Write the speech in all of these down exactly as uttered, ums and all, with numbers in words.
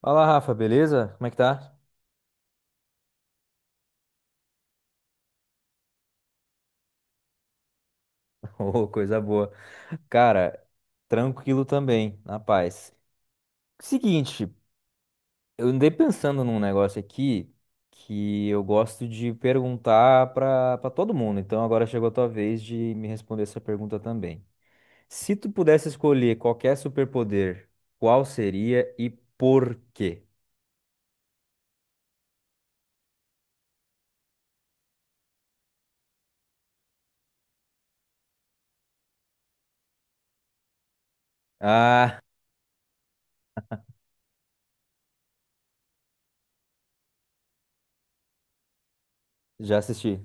Fala, Rafa, beleza? Como é que tá? Ô, coisa boa. Cara, tranquilo também, na paz. Seguinte, eu andei pensando num negócio aqui que eu gosto de perguntar pra para todo mundo. Então agora chegou a tua vez de me responder essa pergunta também. Se tu pudesse escolher qualquer superpoder, qual seria e por quê? Ah, já assisti.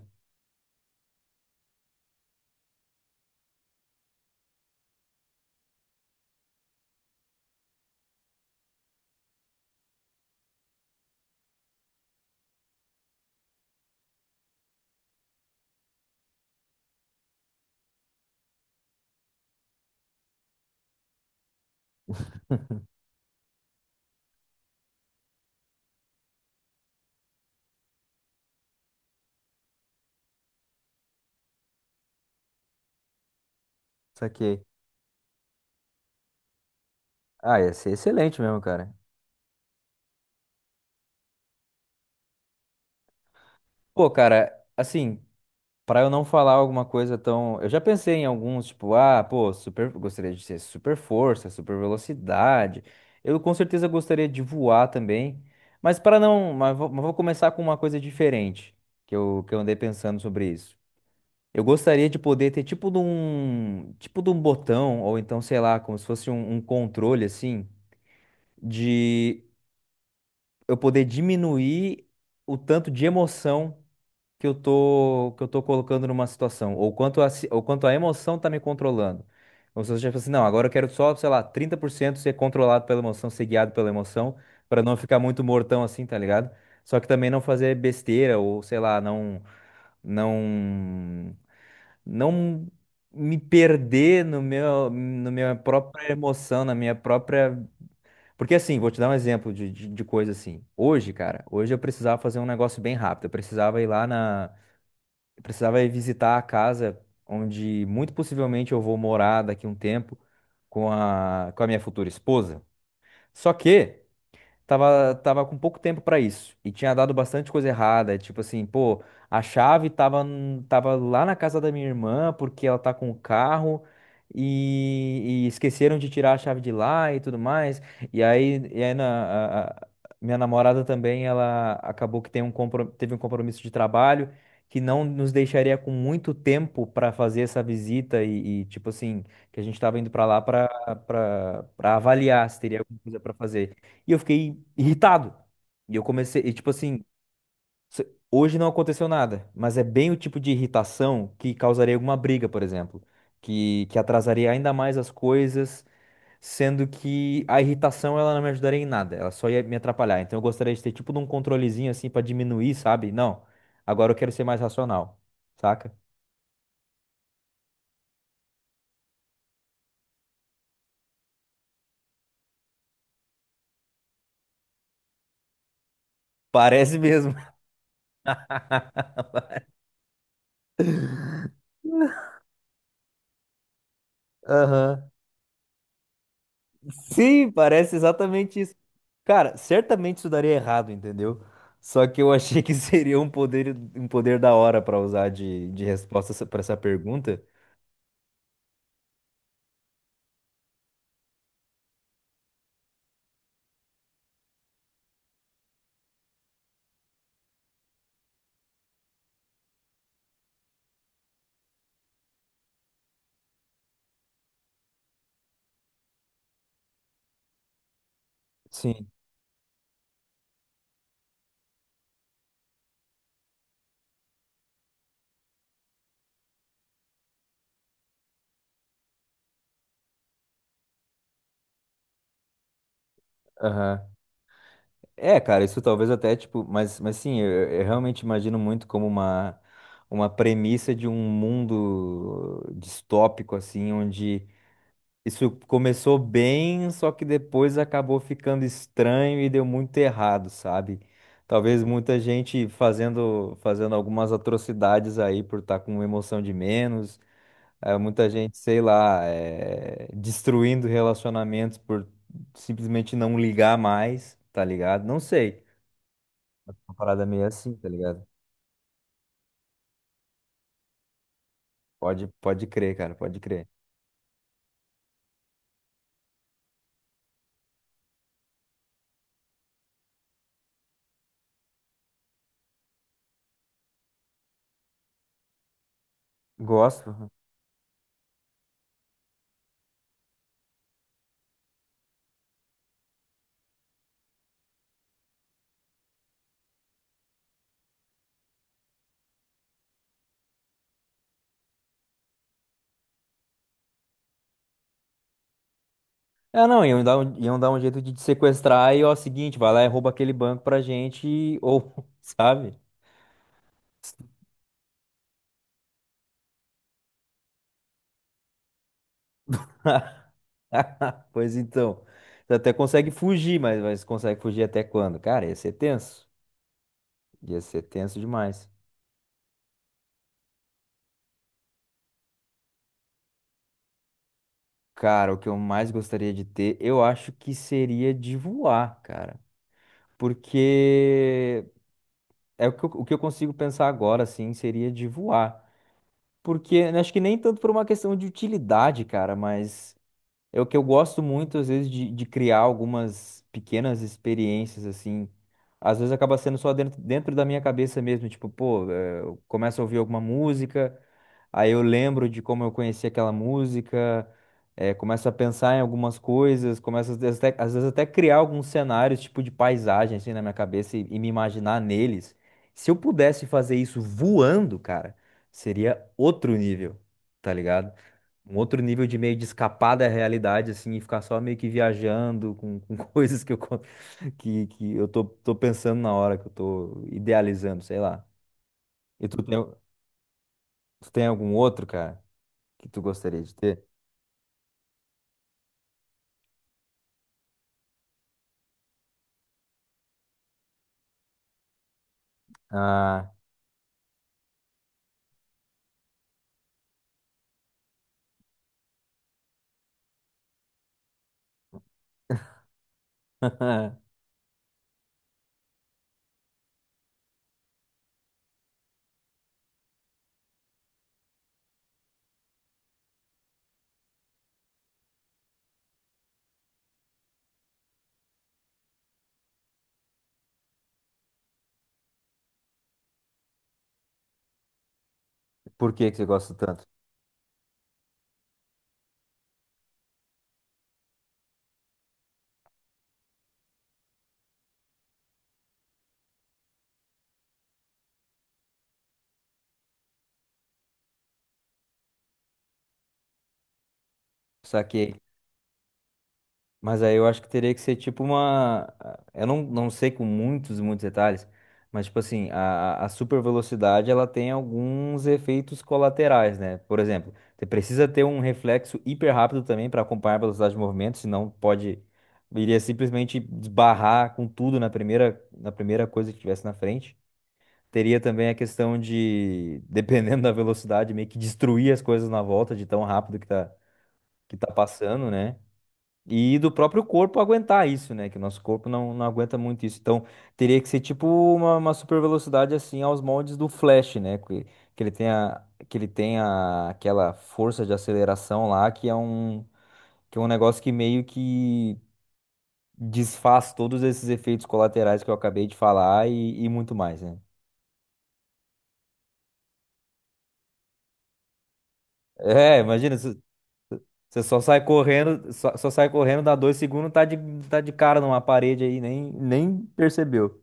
Saquei. Ah, ia ser excelente mesmo, cara. Pô, cara, assim. Pra eu não falar alguma coisa tão. Eu já pensei em alguns, tipo, ah, pô, super. Gostaria de ser super força, super velocidade. Eu com certeza gostaria de voar também. Mas para não. Mas vou, mas vou começar com uma coisa diferente que eu, que eu andei pensando sobre isso. Eu gostaria de poder ter tipo de um. Tipo de um botão, ou então, sei lá, como se fosse um, um controle assim, de eu poder diminuir o tanto de emoção que eu tô que eu tô colocando numa situação, ou quanto a, ci- ou quanto a emoção tá me controlando. Ou se eu já falo assim, não, agora eu quero só, sei lá, trinta por cento ser controlado pela emoção, ser guiado pela emoção, pra não ficar muito mortão assim, tá ligado? Só que também não fazer besteira ou sei lá, não não não me perder no meu no minha própria emoção, na minha própria, porque assim, vou te dar um exemplo de, de, de coisa assim. Hoje, cara, hoje eu precisava fazer um negócio bem rápido. Eu precisava ir lá na, eu precisava ir visitar a casa onde muito possivelmente eu vou morar daqui a um tempo com a, com a minha futura esposa. Só que tava, tava com pouco tempo pra isso. E tinha dado bastante coisa errada. Tipo assim, pô, a chave tava, n- tava lá na casa da minha irmã, porque ela tá com o carro. E, e esqueceram de tirar a chave de lá e tudo mais. E aí, e aí na, a- a- minha namorada também, ela acabou que tem um compro- teve um compromisso de trabalho que não nos deixaria com muito tempo para fazer essa visita e, e, tipo assim, que a gente tava indo para lá para para avaliar se teria alguma coisa para fazer. E eu fiquei irritado. E eu comecei, e tipo assim, se- hoje não aconteceu nada, mas é bem o tipo de irritação que causaria alguma briga, por exemplo, que, que atrasaria ainda mais as coisas, sendo que a irritação ela não me ajudaria em nada, ela só ia me atrapalhar. Então eu gostaria de ter tipo de um controlezinho assim pra diminuir, sabe? Não, agora eu quero ser mais racional, saca? Parece mesmo. Aham. Sim, parece exatamente isso. Cara, certamente isso daria errado, entendeu? Só que eu achei que seria um poder, um poder da hora pra usar de, de resposta pra essa pergunta. Sim. Aham. É, cara, isso talvez até, tipo, mas, mas sim, eu, eu realmente imagino muito como uma, uma premissa de um mundo distópico, assim, onde isso começou bem, só que depois acabou ficando estranho e deu muito errado, sabe? Talvez muita gente fazendo, fazendo algumas atrocidades aí por estar com emoção de menos, eh, muita gente, sei lá, eh, destruindo relacionamentos por simplesmente não ligar mais, tá ligado? Não sei. Uma parada meio assim, tá ligado? Pode, pode crer, cara, pode crer. Gosto. É, não, iam dar um, iam dar um jeito de te sequestrar e, ó, seguinte, vai lá e rouba aquele banco pra gente, e- ou, sabe? Pois então, você até consegue fugir, mas, mas consegue fugir até quando? Cara, ia ser tenso. Ia ser tenso demais. Cara, o que eu mais gostaria de ter, eu acho que seria de voar, cara. Porque é o que eu, o que eu consigo pensar agora, assim, seria de voar. Porque né, acho que nem tanto por uma questão de utilidade, cara, mas. É o que eu gosto muito, às vezes, de, de criar algumas pequenas experiências, assim. Às vezes acaba sendo só dentro, dentro da minha cabeça mesmo. Tipo, pô, eh, eu começo a ouvir alguma música, aí eu lembro de como eu conheci aquela música, eh, começo a pensar em algumas coisas, começo às vezes, até, às vezes até criar alguns cenários, tipo de paisagem, assim, na minha cabeça e, e me imaginar neles. Se eu pudesse fazer isso voando, cara, seria outro nível, tá ligado? Um outro nível de meio de escapar da realidade, assim, e ficar só meio que viajando com, com coisas que eu, co- que, que eu tô, tô pensando na hora, que eu tô idealizando, sei lá. E tu tem, tu tem algum outro, cara, que tu gostaria de ter? Ah, por que que você gosta tanto? Saquei. Mas aí eu acho que teria que ser tipo uma. Eu não, não sei com muitos, muitos detalhes, mas tipo assim, a, a super velocidade ela tem alguns efeitos colaterais, né? Por exemplo, você precisa ter um reflexo hiper rápido também para acompanhar a velocidade de movimento, senão pode. Iria simplesmente esbarrar com tudo na primeira, na primeira coisa que tivesse na frente. Teria também a questão de, dependendo da velocidade, meio que destruir as coisas na volta de tão rápido que tá, que tá passando, né? E do próprio corpo aguentar isso, né? Que o nosso corpo não, não aguenta muito isso. Então, teria que ser tipo uma, uma, super velocidade assim aos moldes do Flash, né? Que, que ele tenha, que ele tenha aquela força de aceleração lá, que é um, que é um negócio que meio que desfaz todos esses efeitos colaterais que eu acabei de falar e, e muito mais, né? É, imagina, você você só sai correndo, só, só sai correndo, dá dois segundos, tá de, tá de cara numa parede aí, nem, nem percebeu.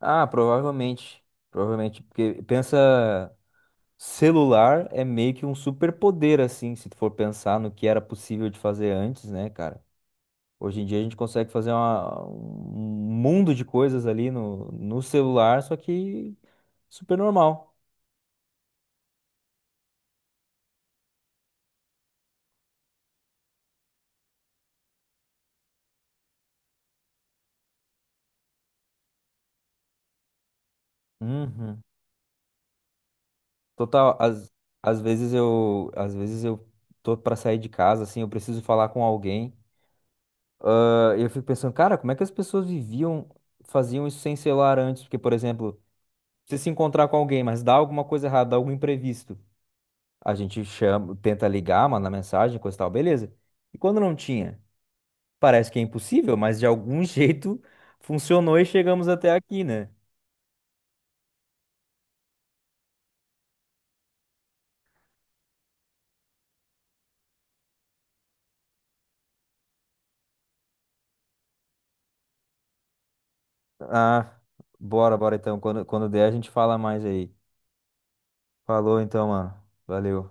Ah, provavelmente. Provavelmente. Porque pensa, celular é meio que um superpoder, assim, se tu for pensar no que era possível de fazer antes, né, cara? Hoje em dia a gente consegue fazer uma- um mundo de coisas ali no, no celular, só que super normal. Uhum. Total, às, às vezes eu, às vezes eu tô pra sair de casa, assim, eu preciso falar com alguém. Ah, eu fico pensando, cara, como é que as pessoas viviam, faziam isso sem celular antes? Porque, por exemplo, você se encontrar com alguém, mas dá alguma coisa errada, dá algum imprevisto, a gente chama, tenta ligar, manda mensagem, coisa e tal, beleza. E quando não tinha, parece que é impossível, mas de algum jeito funcionou e chegamos até aqui, né? Ah, bora, bora então. Quando, quando der, a gente fala mais aí. Falou então, mano. Valeu.